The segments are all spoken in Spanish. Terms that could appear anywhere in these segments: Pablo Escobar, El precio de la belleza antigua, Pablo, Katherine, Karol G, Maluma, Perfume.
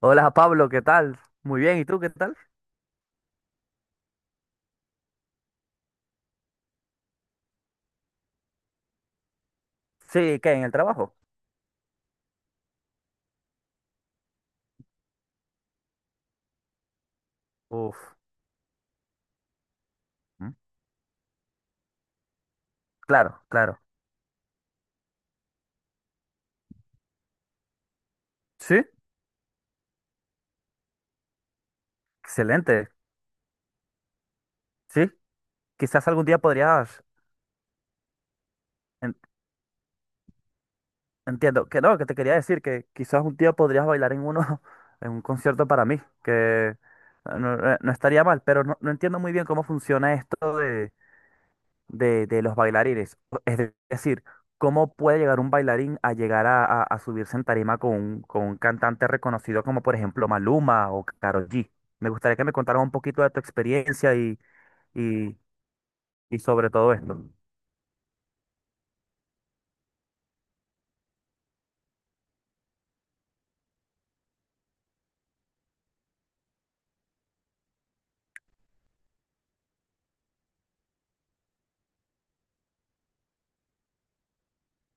Hola Pablo, ¿qué tal? Muy bien, ¿y tú qué tal? Sí, ¿qué? ¿En el trabajo? Uf, mm, claro, claro. Sí, excelente. Sí, quizás algún día podrías, en- entiendo, que no, que te quería decir que quizás un día podrías bailar en uno, en un concierto para mí, que no, no estaría mal, pero no, no entiendo muy bien cómo funciona esto de los bailarines. Es decir, ¿cómo puede llegar un bailarín a llegar a subirse en tarima con un cantante reconocido como por ejemplo Maluma o Karol G? Me gustaría que me contaras un poquito de tu experiencia y, y sobre todo esto.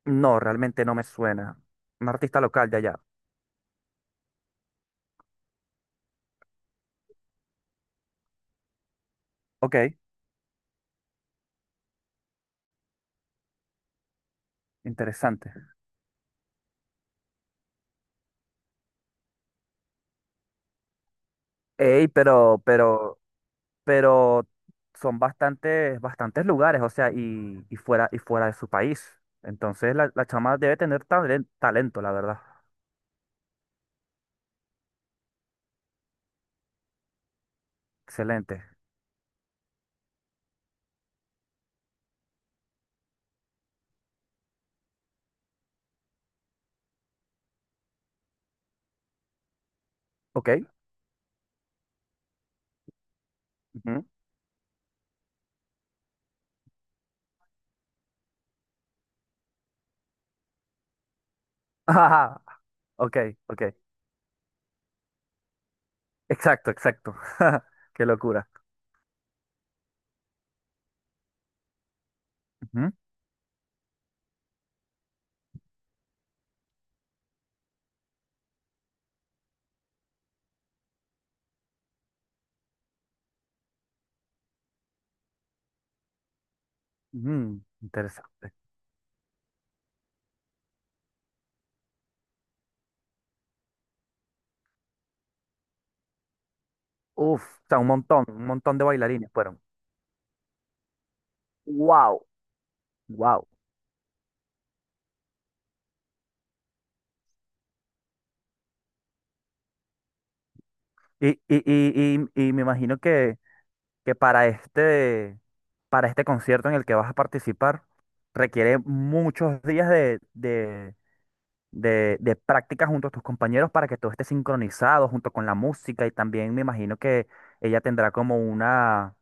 No, realmente no me suena. Un artista local de allá. Ok, interesante. Ey, pero son bastantes, bastantes lugares, o sea, y fuera de su país. Entonces la chama debe tener talento, la verdad. Excelente. Ok. Ujú. Ajá, ok, ok. Exacto, exacto. Qué locura. Ujú. Mm, interesante. Uf, o sea, un montón de bailarines fueron. Wow, wow. Y me imagino que para este concierto en el que vas a participar requiere muchos días de práctica junto a tus compañeros para que todo esté sincronizado junto con la música, y también me imagino que ella tendrá como una,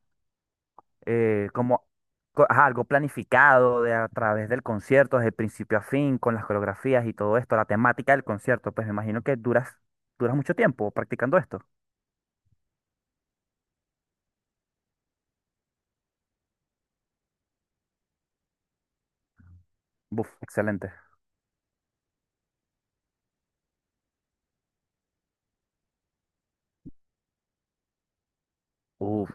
como ajá, algo planificado de a través del concierto, desde principio a fin, con las coreografías y todo esto, la temática del concierto. Pues me imagino que duras mucho tiempo practicando esto. Buf, excelente. Uf,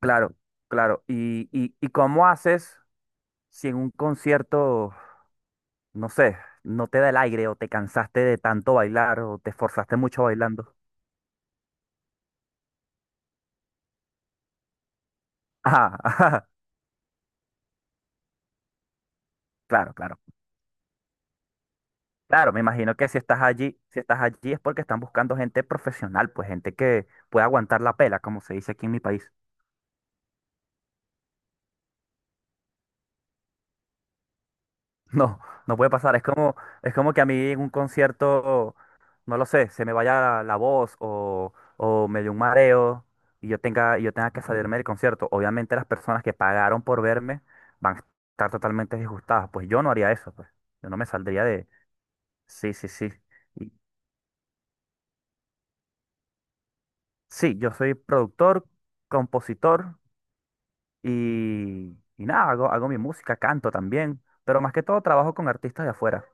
claro, claro. ¿Y cómo haces? Si en un concierto, no sé, no te da el aire o te cansaste de tanto bailar o te esforzaste mucho bailando. Ah, ajá, claro, claro. Claro, me imagino que si estás allí es porque están buscando gente profesional, pues gente que pueda aguantar la pela, como se dice aquí en mi país. No, no puede pasar. Es como que a mí en un concierto, no lo sé, se me vaya la voz o me dé un mareo y yo tenga que salirme del concierto. Obviamente las personas que pagaron por verme van a estar totalmente disgustadas. Pues yo no haría eso, pues. Yo no me saldría de... Sí, sí, sí. Y sí, yo soy productor, compositor y nada, hago mi música, canto también, pero más que todo trabajo con artistas de afuera.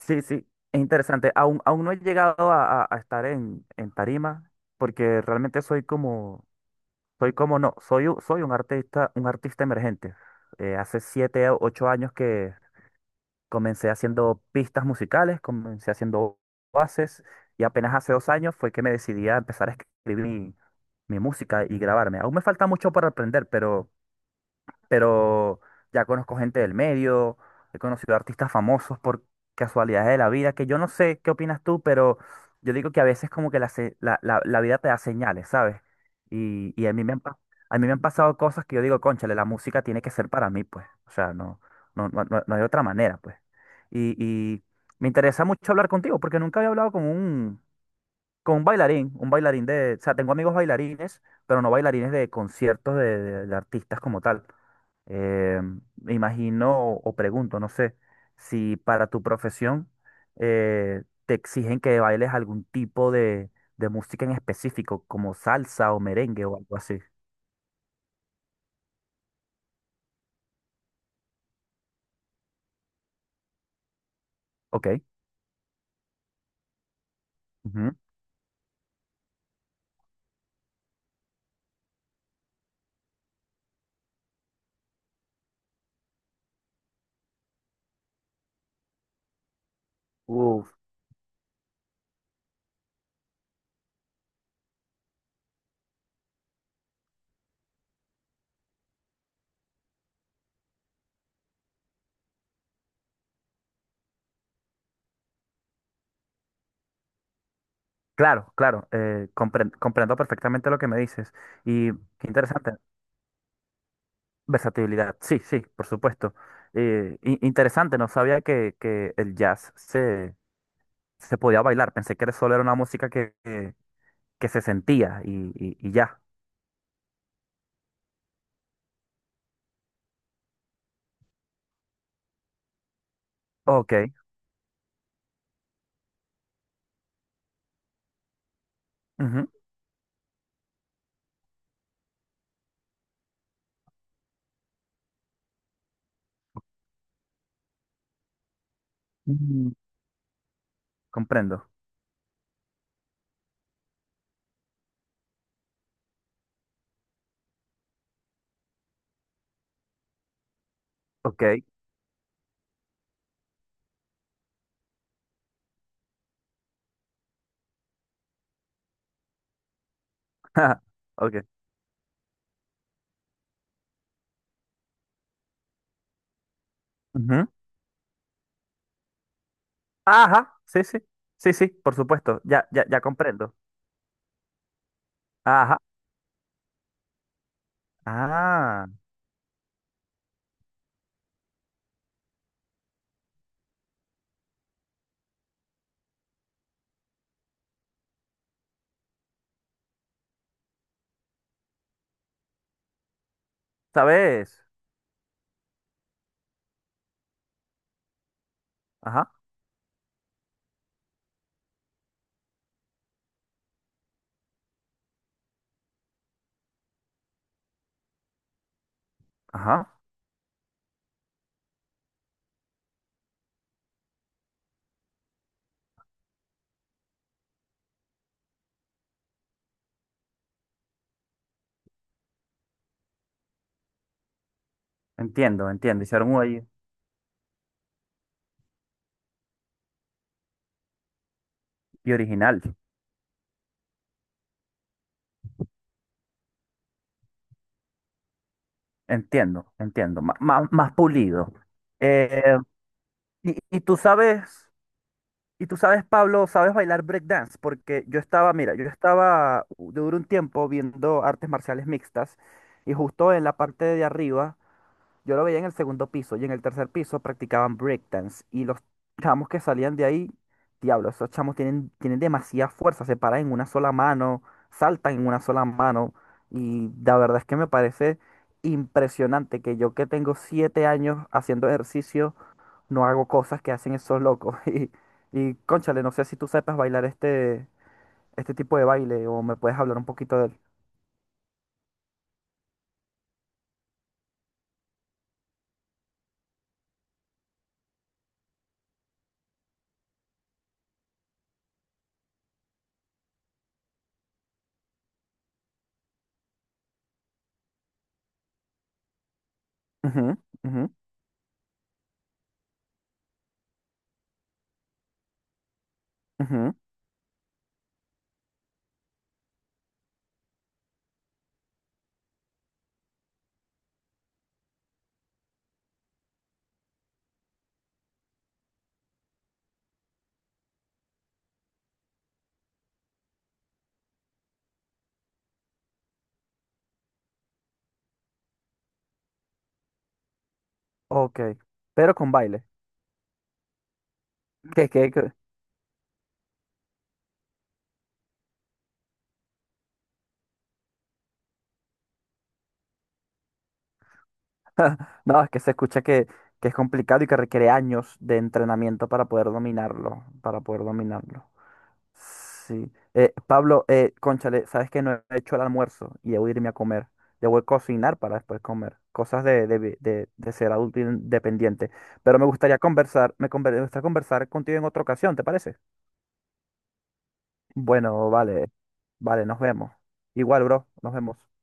Sí, sí, es interesante. Aún no he llegado a estar en tarima porque realmente soy como Soy como no, soy un artista, emergente. Hace 7 o 8 años que comencé haciendo pistas musicales, comencé haciendo bases, y apenas hace 2 años fue que me decidí a empezar a escribir mi música y grabarme. Aún me falta mucho para aprender, pero ya conozco gente del medio, he conocido artistas famosos por casualidades de la vida. Que yo no sé qué opinas tú, pero yo digo que a veces, como que la, se- la- la vida te da señales, ¿sabes? Y a mí me han pasado cosas que yo digo, cónchale, la música tiene que ser para mí, pues, o sea, no, no, no, no hay otra manera, pues. Y me interesa mucho hablar contigo, porque nunca había hablado con un, bailarín, un bailarín de, o sea, tengo amigos bailarines, pero no bailarines de conciertos de, de artistas como tal. Eh, Me imagino o pregunto, no sé, si para tu profesión te exigen que bailes algún tipo de música en específico, como salsa o merengue o algo así. Ok. Ujú. Uf, claro, claro, comprendo perfectamente lo que me dices. Y qué interesante. Versatilidad, sí, sí, por supuesto. Interesante, no sabía que el jazz se podía bailar. Pensé que solo era una música que se sentía y ya. Ok, ujú, mm, comprendo. Ok, ok. Ujú. Ajá, sí, sí, sí, sí, por supuesto, ya, ya, ya comprendo. Ajá, ah, ¿sabes? Ajá, ajá, entiendo, entiendo. Hicieron un ahí y original. Entiendo, entiendo, más pulido. Eh, Y, y tú sabes, y tú sabes, Pablo, sabes bailar breakdance, porque yo estaba, mira, yo duré un tiempo viendo artes marciales mixtas, y justo en la parte de arriba, yo lo veía en el segundo piso, y en el tercer piso practicaban breakdance, y los chamos que salían de ahí, diablo, esos chamos tienen demasiada fuerza, se paran en una sola mano, saltan en una sola mano, y la verdad es que me parece impresionante que yo que tengo 7 años haciendo ejercicio no hago cosas que hacen esos locos. Y cónchale, no sé si tú sepas bailar este, tipo de baile, o me puedes hablar un poquito de él. Ujú, ujú, ujú. Ok, pero con baile. Que, que, que- No, es que se escucha que es complicado, y que requiere años de entrenamiento para poder dominarlo. Sí. Pablo, cónchale, sabes que no he hecho el almuerzo y debo irme a comer. Debo de cocinar para después comer. Cosas de ser adulto independiente. Pero me gustaría conversar contigo en otra ocasión, ¿te parece? Bueno, vale. Vale, nos vemos. Igual, bro, nos vemos.